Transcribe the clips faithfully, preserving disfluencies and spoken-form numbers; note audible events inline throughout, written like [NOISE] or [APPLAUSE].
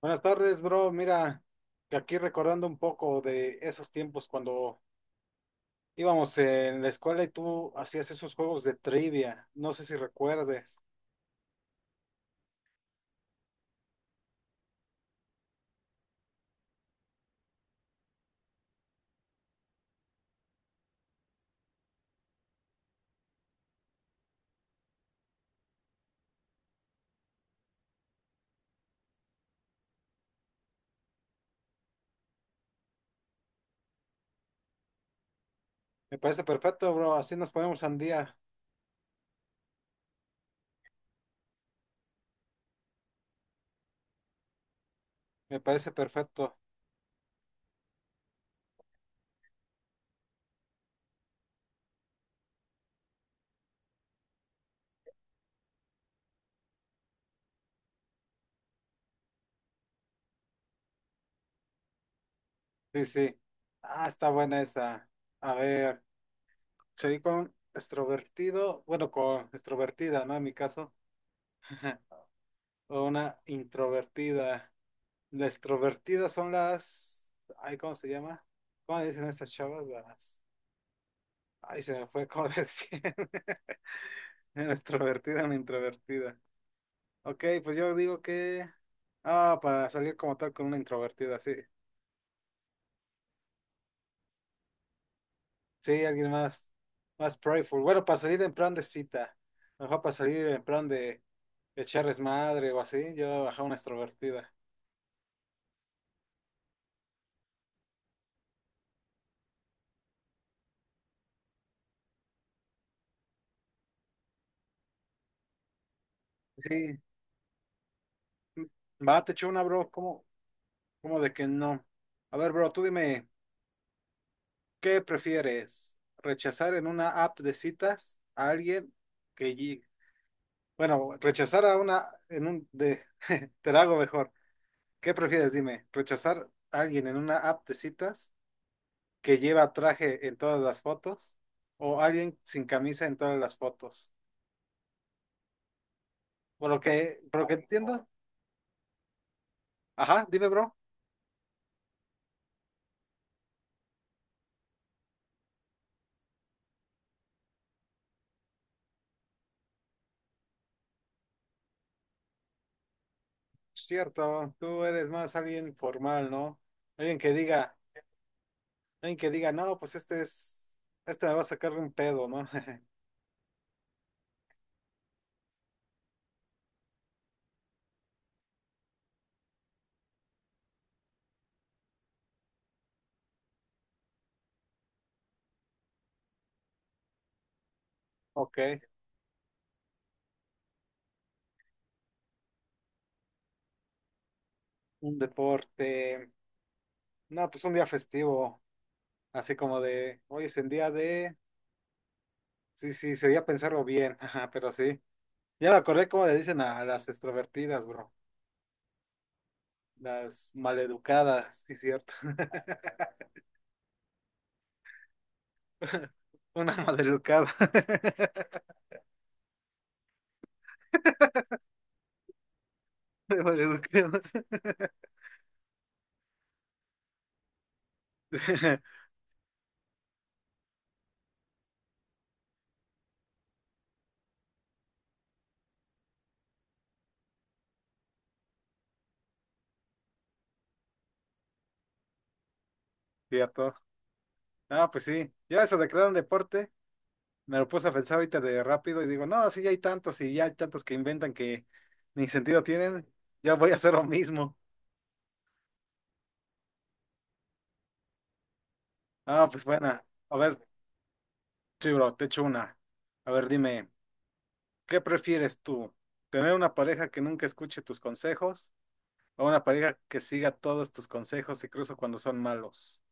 Buenas tardes, bro. Mira, que aquí recordando un poco de esos tiempos cuando íbamos en la escuela y tú hacías esos juegos de trivia. No sé si recuerdes. Me parece perfecto, bro. Así nos ponemos al día. Me parece perfecto. Sí, sí. Ah, está buena esa. A ver, seguí con extrovertido. Bueno, con extrovertida, ¿no? En mi caso. [LAUGHS] O una introvertida. Las extrovertidas son las... Ay, ¿cómo se llama? ¿Cómo le dicen a estas chavas? Las... Ay, se me fue como decir. [LAUGHS] Era extrovertida, una introvertida. Ok, pues yo digo que. Ah, para salir como tal con una introvertida, sí. Sí, alguien más, más playful. Bueno, para salir en plan de cita. Mejor para salir en plan de, de echar desmadre o así. Yo bajar una extrovertida. Sí. Va, te echo una, bro. ¿Cómo, cómo de que no? A ver, bro, tú dime, ¿qué prefieres? ¿Rechazar en una app de citas a alguien que, Bueno, rechazar a una en un de [LAUGHS] te la hago mejor. ¿Qué prefieres? Dime, rechazar a alguien en una app de citas que lleva traje en todas las fotos o alguien sin camisa en todas las fotos. Por lo que, por lo que entiendo, ajá, dime, bro. Cierto, tú eres más alguien formal, ¿no? Alguien que diga, alguien que diga, no, pues este es, este me va a sacar un pedo, ¿no? [LAUGHS] Ok, un deporte, no, pues un día festivo, así como de, hoy es el día de sí, sí, sería pensarlo bien, ajá, pero sí. Ya me acordé cómo le dicen a las extrovertidas, bro. Las maleducadas, sí, cierto. [LAUGHS] Una maleducada. [LAUGHS] Maleducada. [LAUGHS] Cierto. Ah, pues sí. Yo eso de crear un deporte, me lo puse a pensar ahorita de rápido y digo, no, sí, ya hay tantos y ya hay tantos que inventan que ni sentido tienen. Ya voy a hacer lo mismo. Ah, pues bueno. A ver, sí, bro, te echo una. A ver, dime. ¿Qué prefieres tú? ¿Tener una pareja que nunca escuche tus consejos o una pareja que siga todos tus consejos, incluso cuando son malos?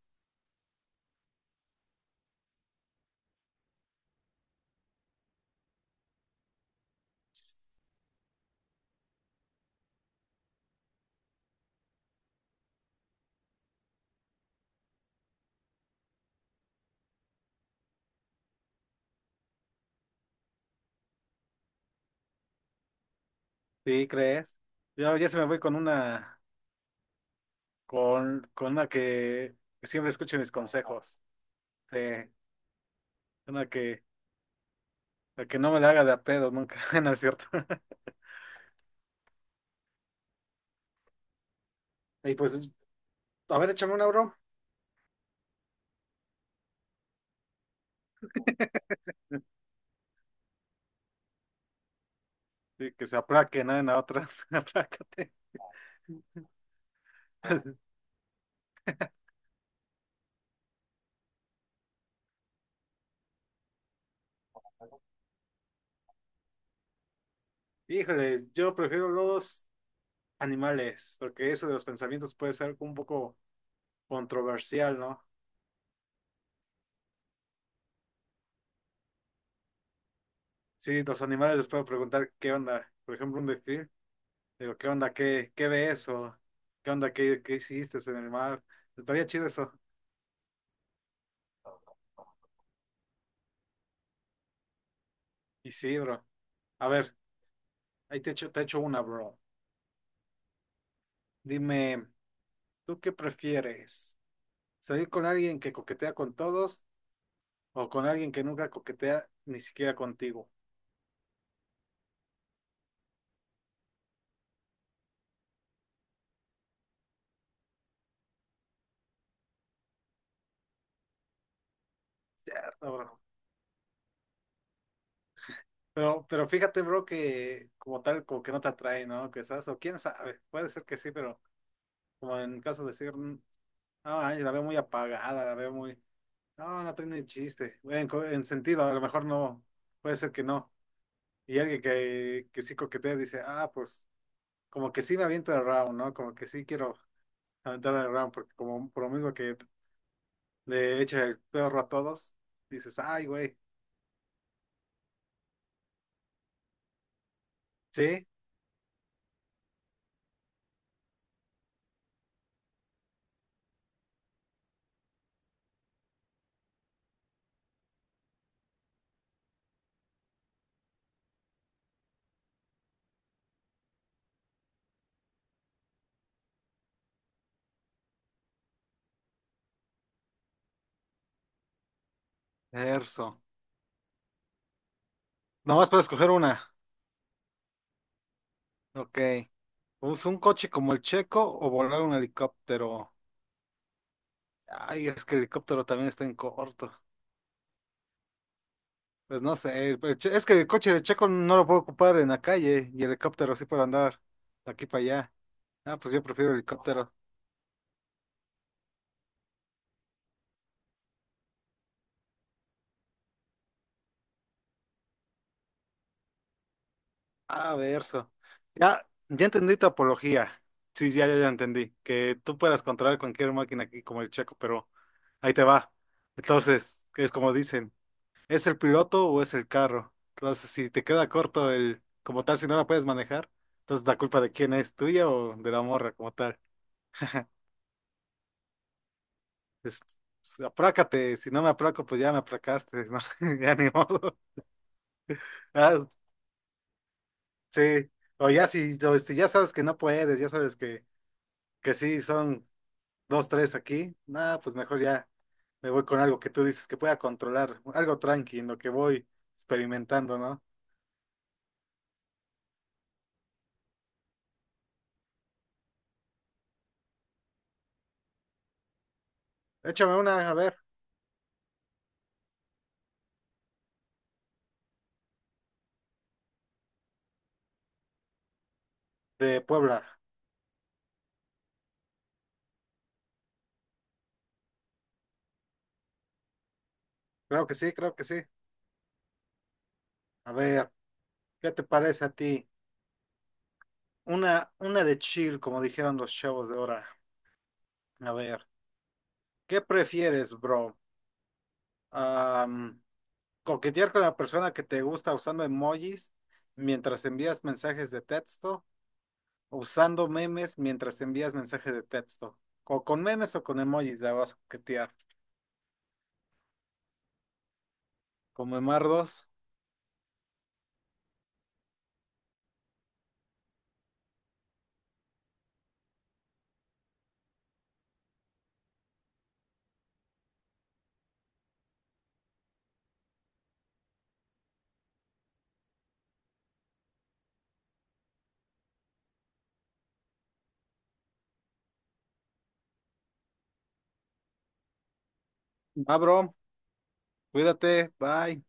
¿Sí crees? Yo ya se me voy con una, con, con una que siempre escuche mis consejos. Sí, una que, la que no me la haga de a pedo nunca, [LAUGHS] ¿no es cierto? [LAUGHS] Y pues, a ver, échame una, bro. Sí, que se aplaque, ¿no? En la otra, [LAUGHS] aplácate. [LAUGHS] Híjole, yo prefiero los animales, porque eso de los pensamientos puede ser un poco controversial, ¿no? Sí, los animales les puedo preguntar qué onda, por ejemplo, un delfín, digo, ¿qué onda? ¿Qué, qué ves? O ¿qué onda? ¿Qué, qué hiciste en el mar? Estaría chido eso. Y sí, bro. A ver, ahí te echo, te echo una, bro. Dime, ¿tú qué prefieres? ¿Salir con alguien que coquetea con todos o con alguien que nunca coquetea ni siquiera contigo? Cierto, bro. Pero, pero fíjate, bro, que como tal, como que no te atrae, ¿no? Quizás, o quién sabe, puede ser que sí, pero como en caso de decir, mm, no, ay, la veo muy apagada, la veo muy. No, no tiene chiste. En, co- en sentido, a lo mejor no. Puede ser que no. Y alguien que, que sí coquetea dice, ah, pues, como que sí me aviento el round, ¿no? Como que sí quiero aventar el round, porque como por lo mismo que le echa el perro a todos, dices, ay, güey. Sí, Erso. Nomás puedo escoger una. Ok. ¿Usa un coche como el Checo o volar un helicóptero? Ay, es que el helicóptero también está en corto. Pues no sé, pues, che- es que el coche de Checo no lo puedo ocupar en la calle y el helicóptero sí para andar de aquí para allá. Ah, pues yo prefiero helicóptero. Ah, verso. Ya, ya entendí tu apología. Sí, ya, ya, ya entendí. Que tú puedas controlar cualquier máquina aquí como el Checo, pero ahí te va. Entonces, es como dicen, ¿es el piloto o es el carro? Entonces, si te queda corto el, como tal, si no la puedes manejar, entonces la culpa de quién es, tuya o de la morra como tal. [LAUGHS] es- pues, aprácate, si no me aplaco, pues ya me apracaste, ¿no? [LAUGHS] Ya ni modo. Ah, sí, o ya si, o si ya sabes que no puedes, ya sabes que, que sí son dos, tres aquí, nada, pues mejor ya me voy con algo que tú dices que pueda controlar, algo tranqui en lo que voy experimentando, ¿no? Échame una, a ver, de Puebla. Creo que sí, creo que sí. A ver, ¿qué te parece a ti? Una, una de chill, como dijeron los chavos de ahora. A ver, ¿qué prefieres, bro? Ah, coquetear con la persona que te gusta usando emojis mientras envías mensajes de texto, usando memes mientras envías mensajes de texto. O con memes o con emojis la vas a coquetear. Con memardos. Va, bro. Cuídate. Bye.